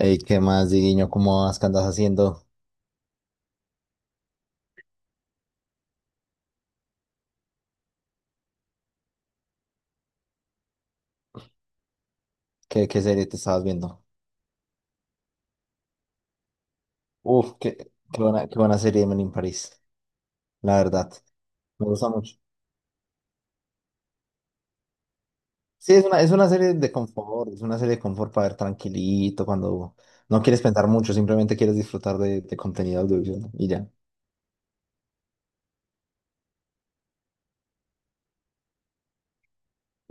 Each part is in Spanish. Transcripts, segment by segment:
Ey, ¿qué más, Diguiño? ¿Cómo vas? ¿Qué andas haciendo? ¿¿Qué serie te estabas viendo? Uf, qué buena serie Men in Paris, la verdad. Me gusta mucho. Sí, es una serie de confort, es una serie de confort para ver tranquilito, cuando no quieres pensar mucho, simplemente quieres disfrutar de contenido audiovisual y ya.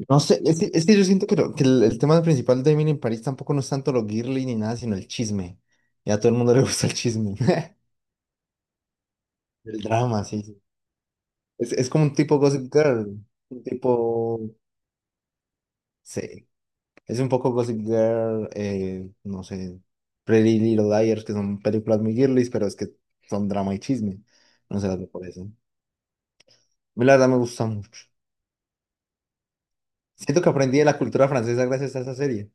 No sé, es que yo siento que, el tema principal de Men in Paris tampoco no es tanto lo girly ni nada, sino el chisme. Y a todo el mundo le gusta el chisme. El drama, sí, sí. Es como un tipo Gossip Girl, un tipo... Sí, es un poco Gossip Girl, no sé, Pretty Little Liars, que son películas muy girlies, pero es que son drama y chisme. No se las veo por eso. A mí la verdad me gusta mucho. Siento que aprendí de la cultura francesa gracias a esa serie.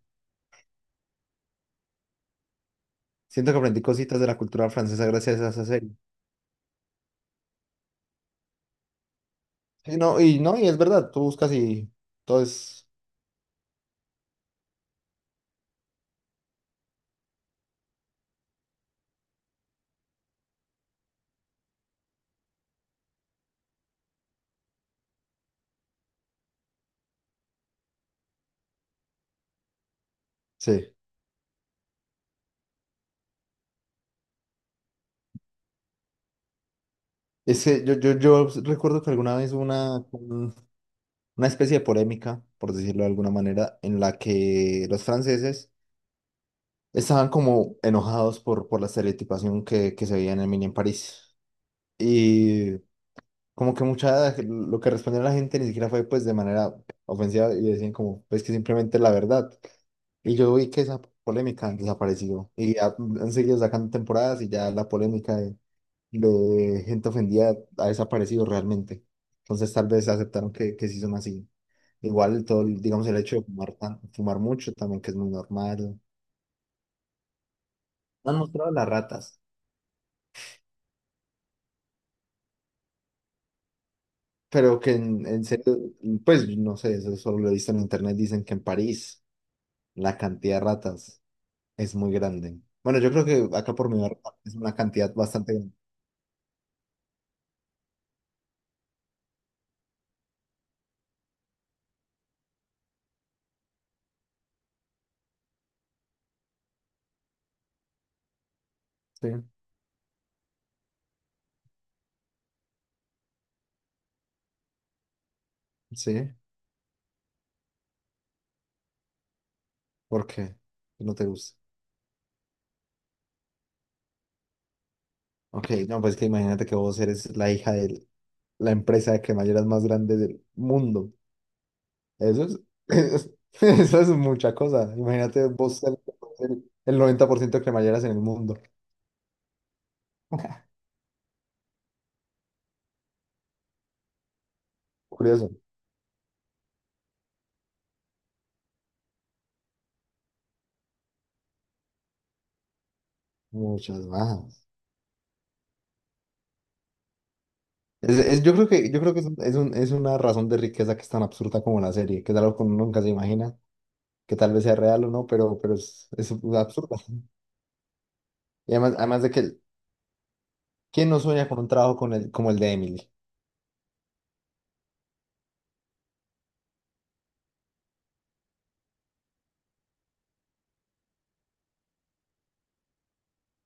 Siento que aprendí cositas de la cultura francesa gracias a esa serie. Sí no, y no, y es verdad, tú buscas y todo es... Sí. Es que yo recuerdo que alguna vez hubo una especie de polémica, por decirlo de alguna manera, en la que los franceses estaban como enojados por la estereotipación que se veía en el mini en París. Y como que mucha, lo que respondió la gente ni siquiera fue pues de manera ofensiva y decían como, pues que simplemente la verdad. Y yo vi que esa polémica desapareció y ya han seguido sacando temporadas y ya la polémica de gente ofendida ha desaparecido realmente. Entonces tal vez aceptaron que sí son así. Igual todo, el- digamos, el hecho de fumar, tan- fumar mucho también, que es muy normal. Han mostrado las ratas. Pero que en serio, pues no sé, eso solo lo he visto en internet, dicen que en París la cantidad de ratas es muy grande. Bueno, yo creo que acá por mi barrio es una cantidad bastante grande. Sí, sí, ¿por qué? No te gusta. Ok, no, pues que imagínate que vos eres la hija de la empresa de cremalleras más grande del mundo. Eso es, eso es mucha cosa. Imagínate vos ser el 90% de cremalleras en el mundo. Curioso. Muchas más. Yo creo que es, es una razón de riqueza que es tan absurda como la serie, que es algo que uno nunca se imagina, que tal vez sea real o no, pero es absurda. Y además, además de que, ¿quién no sueña con un trabajo con el, como el de Emily?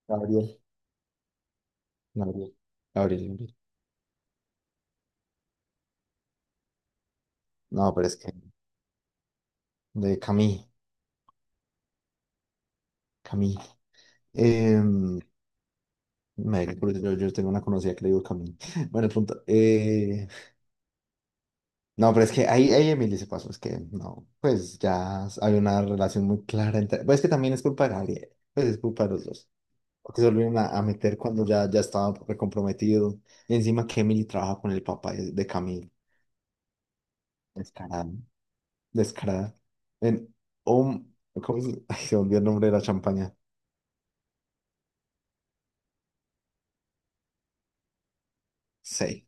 Gabriel, Gabriel, Gabriel. No, pero es que de Camille, Camille. Em, Me da curiosidad, yo tengo una conocida que le digo Camille. Bueno, el punto. No, pero es que ahí, ahí Emily se pasó, es que no, pues ya hay una relación muy clara entre, pues es que también es culpa de Gabriel, pues es culpa de los dos, porque se volvieron a meter cuando ya, ya estaba recomprometido, y encima que Emily trabaja con el papá de Camille, descarada, descarada, en, oh, ¿cómo se, ay, se volvió el nombre de la champaña? Sí,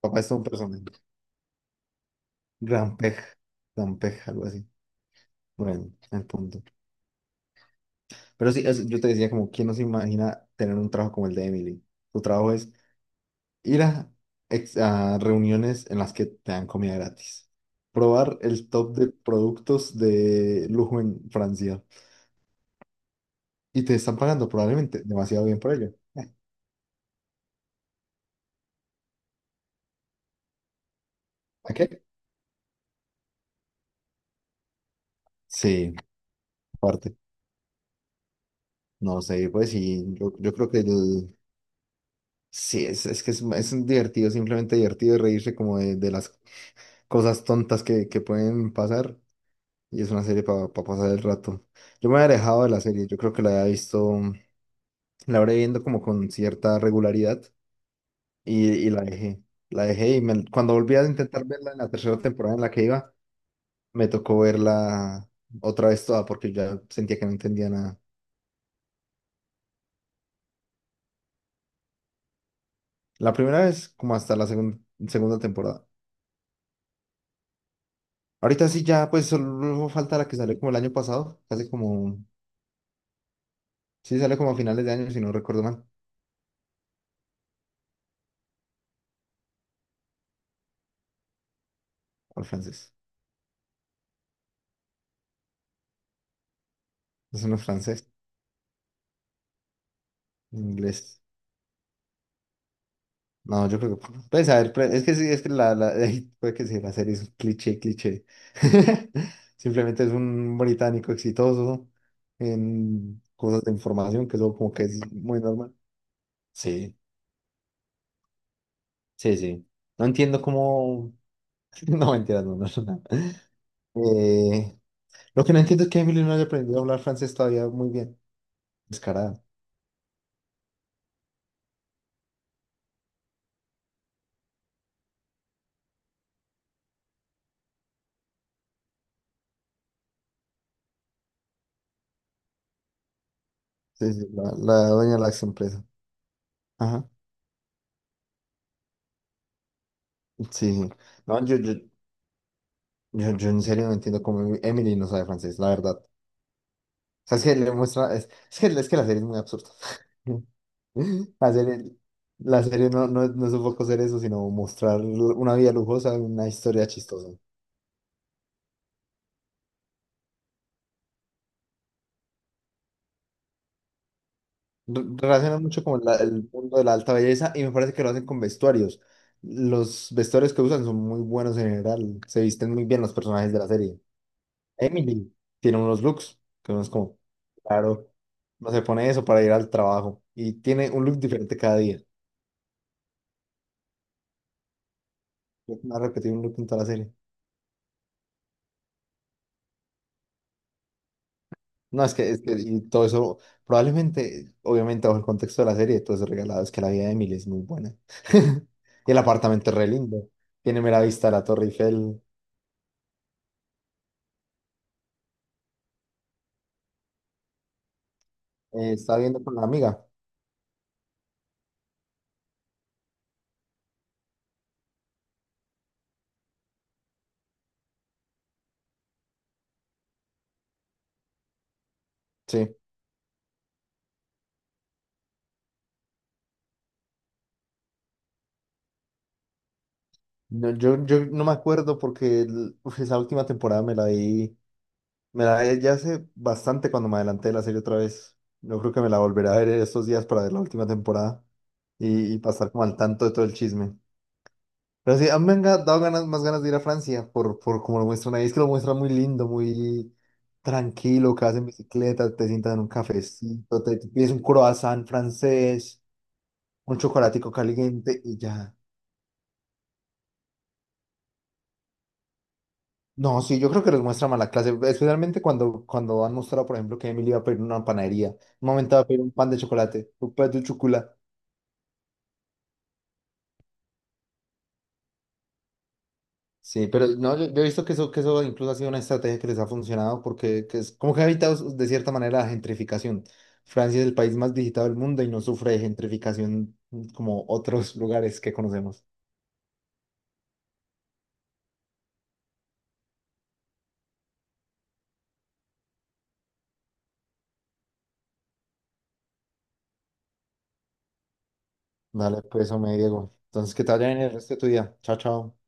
papá es todo un personaje, gran pej, gran pej, algo así, bueno, el punto, pero sí, es- yo te decía como, ¿quién nos imagina tener un trabajo como el de Emily? Tu trabajo es ir a, ex- a reuniones en las que te dan comida gratis. Probar el top de productos de lujo en Francia. Y te están pagando probablemente demasiado bien por ello. ¿A qué? Sí, aparte. No sé, pues sí, yo creo que el- sí, es, es que es divertido, simplemente divertido reírse como de las cosas tontas que pueden pasar. Y es una serie para pasar el rato. Yo me había alejado de la serie, yo creo que la había visto, la habré viendo como con cierta regularidad y la dejé. La dejé y me- cuando volví a intentar verla en la tercera temporada en la que iba, me tocó verla otra vez toda porque ya sentía que no entendía nada. La primera vez como hasta la segunda temporada. Ahorita sí ya pues solo falta la que salió como el año pasado, casi como, sí salió como a finales de año si no recuerdo mal, al francés. Es no francés, inglés. No, yo creo que, pues a ver, pre- es que sí, es que ay, puede que sí, la serie es un cliché, cliché. Simplemente es un británico exitoso en cosas de información, que eso como que es muy normal. Sí, sí, sí. No entiendo cómo... No, mentira, no, no, no. Eh, lo que no entiendo es que Emily no haya aprendido a hablar francés todavía muy bien. Descarada. Sí, sí, la dueña de la ex empresa. Ajá. Sí, sí. No, yo en serio no entiendo cómo Emily no sabe francés, la verdad. Sea, es que le muestra, es, es que la serie es muy absurda. La serie, la serie no supo hacer eso, sino mostrar una vida lujosa, una historia chistosa. Re- relaciona mucho como la- el mundo de la alta belleza y me parece que lo hacen con vestuarios. Los vestuarios que usan son muy buenos en general, se visten muy bien los personajes de la serie. Emily tiene unos looks que uno es como, claro, no se pone eso para ir al trabajo y tiene un look diferente cada día. No ha repetido un look en toda la serie. No, es que y todo eso, probablemente, obviamente bajo el contexto de la serie, todo es regalado, es que la vida de Emily es muy buena. Y el apartamento es re lindo, tiene mera vista a la Torre Eiffel, estaba viendo con la amiga, sí. No, yo no me acuerdo porque el- uf, esa última temporada me la vi ya hace bastante cuando me adelanté de la serie otra vez. Yo creo que me la volveré a ver estos días para ver la última temporada y pasar como al tanto de todo el chisme. Pero sí, a mí me han dado ganas, más ganas de ir a Francia por como lo muestran ahí. Es que lo muestran muy lindo, muy tranquilo, que vas en bicicleta, te sientas en un cafecito, te pides un croissant francés, un chocolatico caliente y ya. No, sí, yo creo que les muestra mala clase, especialmente cuando, cuando han mostrado, por ejemplo, que Emily iba a pedir una panadería. Un momento va a pedir un pan de chocolate, un pan de chocolate. Sí, pero no, yo he visto que eso incluso ha sido una estrategia que les ha funcionado porque que es como que ha evitado de cierta manera la gentrificación. Francia es el país más visitado del mundo y no sufre de gentrificación, como otros lugares que conocemos. Dale, pues, hombre, Diego. Entonces, que te vaya bien el resto de tu día. Chao, chao.